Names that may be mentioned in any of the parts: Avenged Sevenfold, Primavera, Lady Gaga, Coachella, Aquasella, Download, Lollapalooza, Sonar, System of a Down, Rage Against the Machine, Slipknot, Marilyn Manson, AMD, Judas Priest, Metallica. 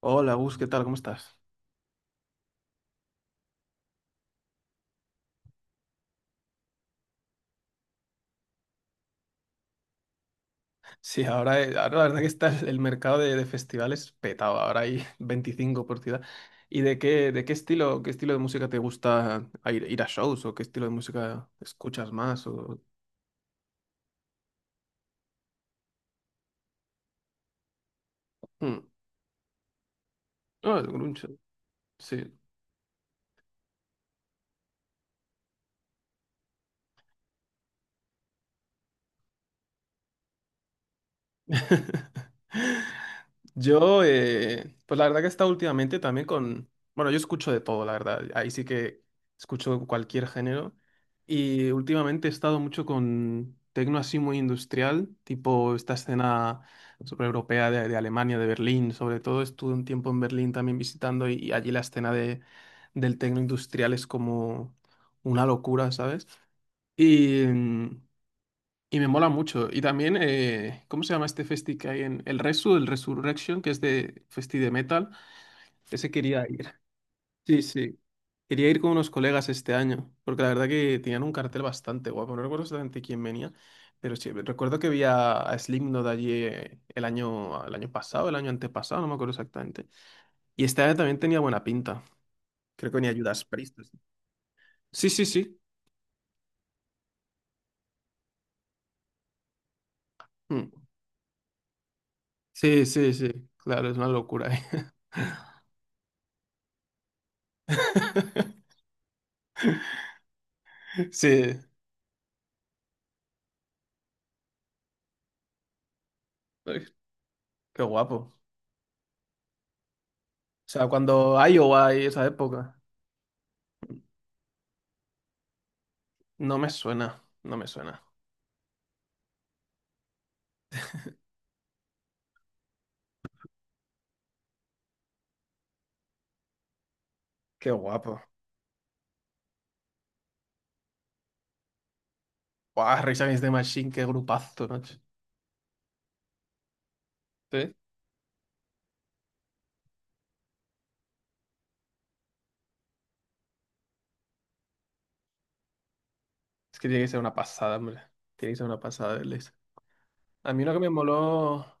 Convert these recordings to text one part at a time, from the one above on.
Hola, Gus, ¿qué tal? ¿Cómo estás? Sí, ahora, ahora la verdad que está el mercado de festivales petado. Ahora hay 25 por ciudad. ¿Y de qué estilo de música te gusta a ir a shows? ¿O qué estilo de música escuchas más? O... Hmm. Ah, el grunge, sí. Yo, pues la verdad que he estado últimamente también con, bueno, yo escucho de todo, la verdad, ahí sí que escucho cualquier género y últimamente he estado mucho con tecno así muy industrial, tipo esta escena sobre europea de Alemania, de Berlín. Sobre todo estuve un tiempo en Berlín también visitando y allí la del tecno industrial es como una locura, ¿sabes? Y, y me mola mucho. Y también, ¿cómo se llama este festi que hay en el Resu, el Resurrection, que es de festi de metal? Ese quería ir. Sí, sí. Quería ir con unos colegas este año, porque la verdad que tenían un cartel bastante guapo. No recuerdo exactamente quién venía, pero sí, recuerdo que vi a Slipknot allí el el año pasado, el año antepasado, no me acuerdo exactamente. Y este año también tenía buena pinta. Creo que venía Judas Priest. Sí, sí, sí. Mm. Sí, sí, sí. Claro, es una locura, eh. Sí. Qué guapo. O sea, cuando Iowa y esa época, no me suena, no me suena. Qué guapo. Guau, Rage Against the Machine, qué grupazo, macho. ¿Sí? Es que tiene que ser una pasada, hombre. Tiene que ser una pasada verles. A mí lo que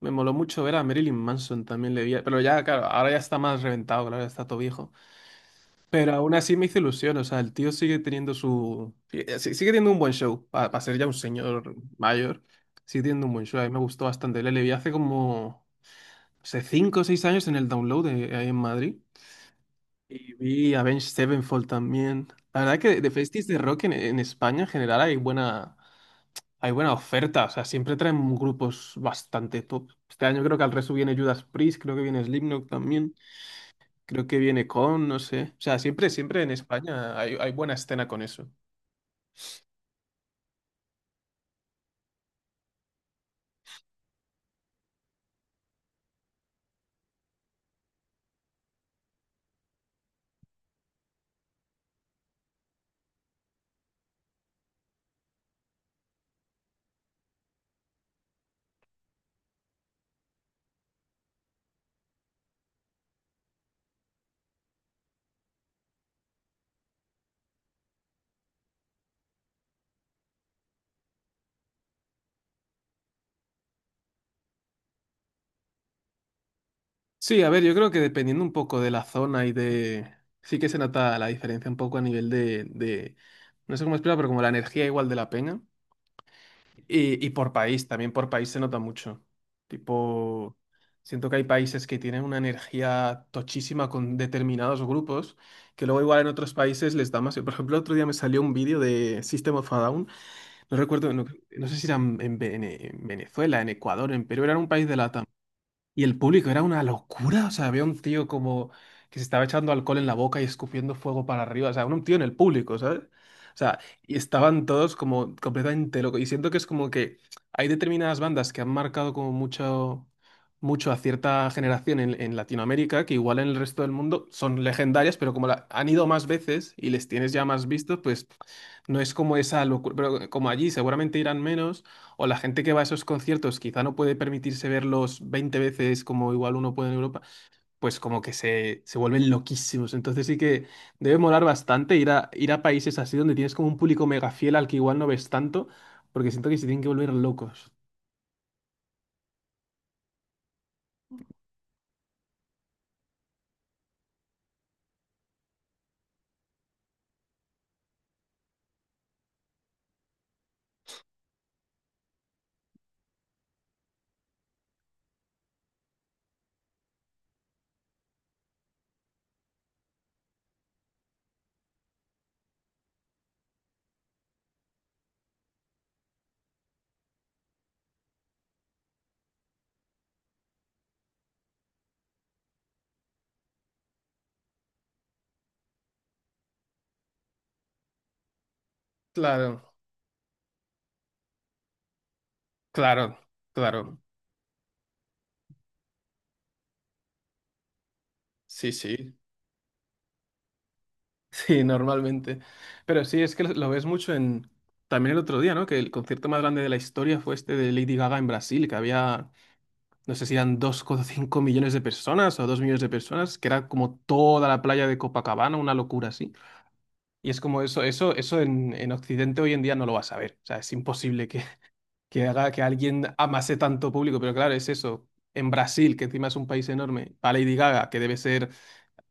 me moló mucho ver a Marilyn Manson, también le vi, pero ya, claro, ahora ya está más reventado, claro, ya está todo viejo. Pero aún así me hizo ilusión, o sea, el tío sigue teniendo sigue teniendo un buen show, para ser ya un señor mayor, sigue teniendo un buen show. A mí me gustó bastante. Le vi hace como hace 5 o 6 años en el Download de, ahí en Madrid. Y vi Avenged Sevenfold también. La verdad que de festis de rock en España en general hay buena oferta. O sea, siempre traen grupos bastante top. Este año creo que al resto viene Judas Priest, creo que viene Slipknot también, creo que viene Con, no sé. O sea, siempre, siempre en España hay, hay buena escena con eso. Sí, a ver, yo creo que dependiendo un poco de la zona y de... Sí que se nota la diferencia un poco a nivel de... No sé cómo explicar, pero como la energía igual de la peña. Y por país, también por país se nota mucho. Tipo, siento que hay países que tienen una energía tochísima con determinados grupos, que luego igual en otros países les da más. Por ejemplo, otro día me salió un vídeo de System of a Down, no recuerdo, no, no sé si era en, Vene- en Venezuela, en Ecuador, en Perú, era un país de la, y el público era una locura. O sea, había un tío como que se estaba echando alcohol en la boca y escupiendo fuego para arriba. O sea, un tío en el público, ¿sabes? O sea, y estaban todos como completamente locos. Y siento que es como que hay determinadas bandas que han marcado como mucho, mucho a cierta generación en Latinoamérica, que igual en el resto del mundo son legendarias, pero como la- han ido más veces y les tienes ya más vistos, pues no es como esa locura. Pero como allí seguramente irán menos. O la gente que va a esos conciertos quizá no puede permitirse verlos 20 veces como igual uno puede en Europa, pues como que se vuelven loquísimos. Entonces sí que debe molar bastante ir ir a países así donde tienes como un público mega fiel al que igual no ves tanto, porque siento que se tienen que volver locos. Claro, claro, claro. Sí, sí. Sí, normalmente. Pero sí, es que lo ves mucho en... También el otro día, ¿no? Que el concierto más grande de la historia fue este de Lady Gaga en Brasil, que había no sé si eran 2,5 millones de personas o 2 millones de personas, que era como toda la playa de Copacabana, una locura así. Y es como eso en Occidente hoy en día no lo vas a ver. O sea, es imposible que haga que alguien amase tanto público, pero claro, es eso. En Brasil, que encima es un país enorme, para Lady Gaga, que debe ser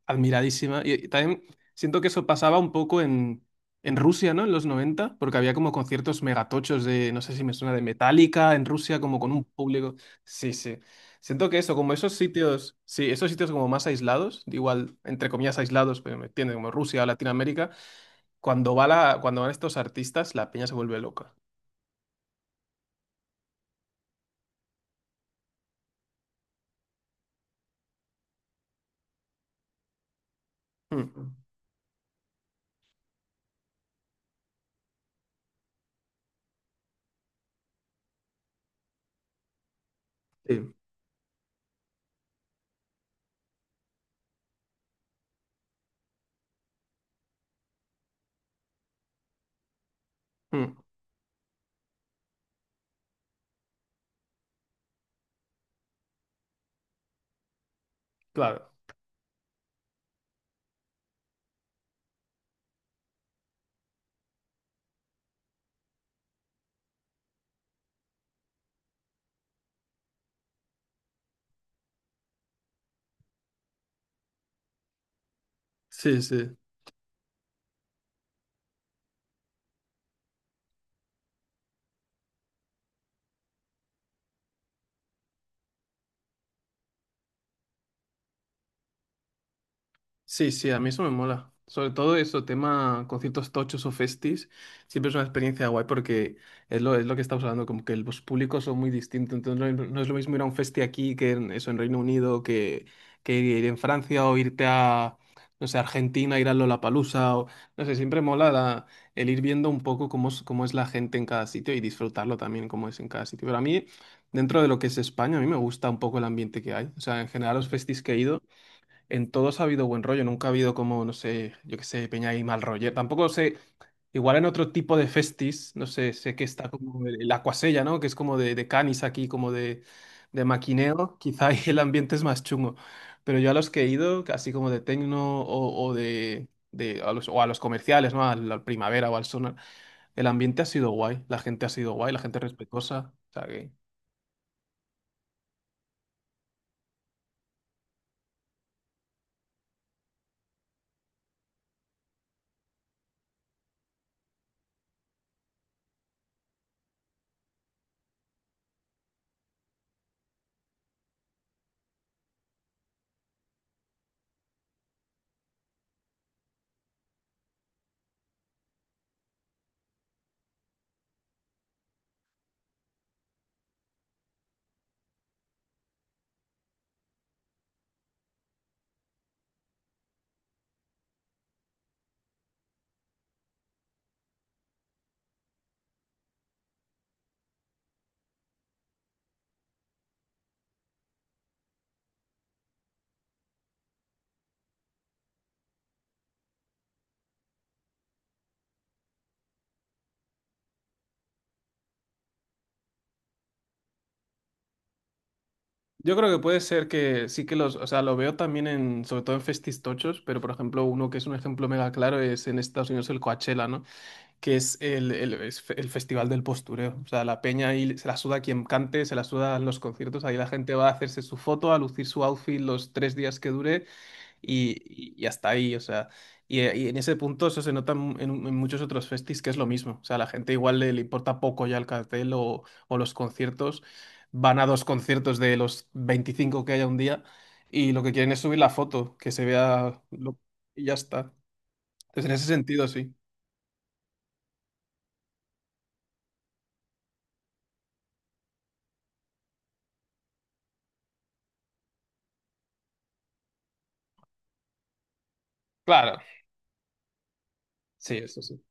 admiradísima. Y también siento que eso pasaba un poco en Rusia, ¿no? En los noventa, porque había como conciertos megatochos de, no sé si me suena, de Metallica en Rusia, como con un público. Sí, sí. Siento que eso, como esos sitios, sí, esos sitios como más aislados, igual, entre comillas aislados, pero me entiende, como Rusia o Latinoamérica, cuando va la, cuando van estos artistas, la peña se vuelve loca. Mm. Sí. Mm, claro. Sí, sí. Sí, sí, a mí eso me mola. Sobre todo eso, tema conciertos tochos o festis, siempre es una experiencia guay porque es lo que estamos hablando, como que los públicos son muy distintos. Entonces no, es no es lo mismo ir a un festi aquí que en, eso en Reino Unido, que ir en Francia o irte a, no sé, Argentina, ir a Lollapalooza o, no sé, siempre mola la- el ir viendo un poco cómo es la gente en cada sitio y disfrutarlo también cómo es en cada sitio. Pero a mí, dentro de lo que es España, a mí me gusta un poco el ambiente que hay. O sea, en general los festis que he ido. En todos ha habido buen rollo, nunca ha habido como, no sé, yo qué sé, peña y mal rollo. Tampoco sé, igual en otro tipo de festis, no sé, sé que está como el Aquasella, ¿no? Que es como de canis aquí, como de maquineo. Quizá ahí el ambiente es más chungo. Pero yo a los que he ido, así como de tecno o de a los, o a los comerciales, ¿no? Al, al Primavera o al Sonar, el ambiente ha sido guay, la gente ha sido guay, la gente respetuosa. O sea que... Yo creo que puede ser que sí que los, o sea, lo veo también en, sobre todo en festistochos, pero por ejemplo, uno que es un ejemplo mega claro es en Estados Unidos el Coachella, ¿no? Que es es fe- el festival del postureo. O sea, la peña ahí se la suda quien cante, se la suda los conciertos, ahí la gente va a hacerse su foto, a lucir su outfit los 3 días que dure y hasta ahí, o sea, y en ese punto eso se nota en- muchos otros festis que es lo mismo, o sea, la gente igual le, le importa poco ya el cartel o los conciertos, van a 2 conciertos de los 25 que haya un día y lo que quieren es subir la foto, que se vea lo- y ya está. Entonces, en ese sentido, sí. Claro, sí, eso sí.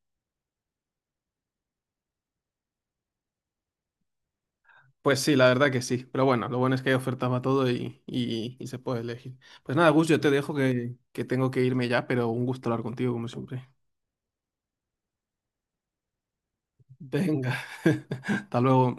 Pues sí, la verdad que sí, pero bueno, lo bueno es que hay ofertas para todo y y se puede elegir. Pues nada, Gus, yo te dejo que tengo que irme ya, pero un gusto hablar contigo como siempre. Venga, hasta luego.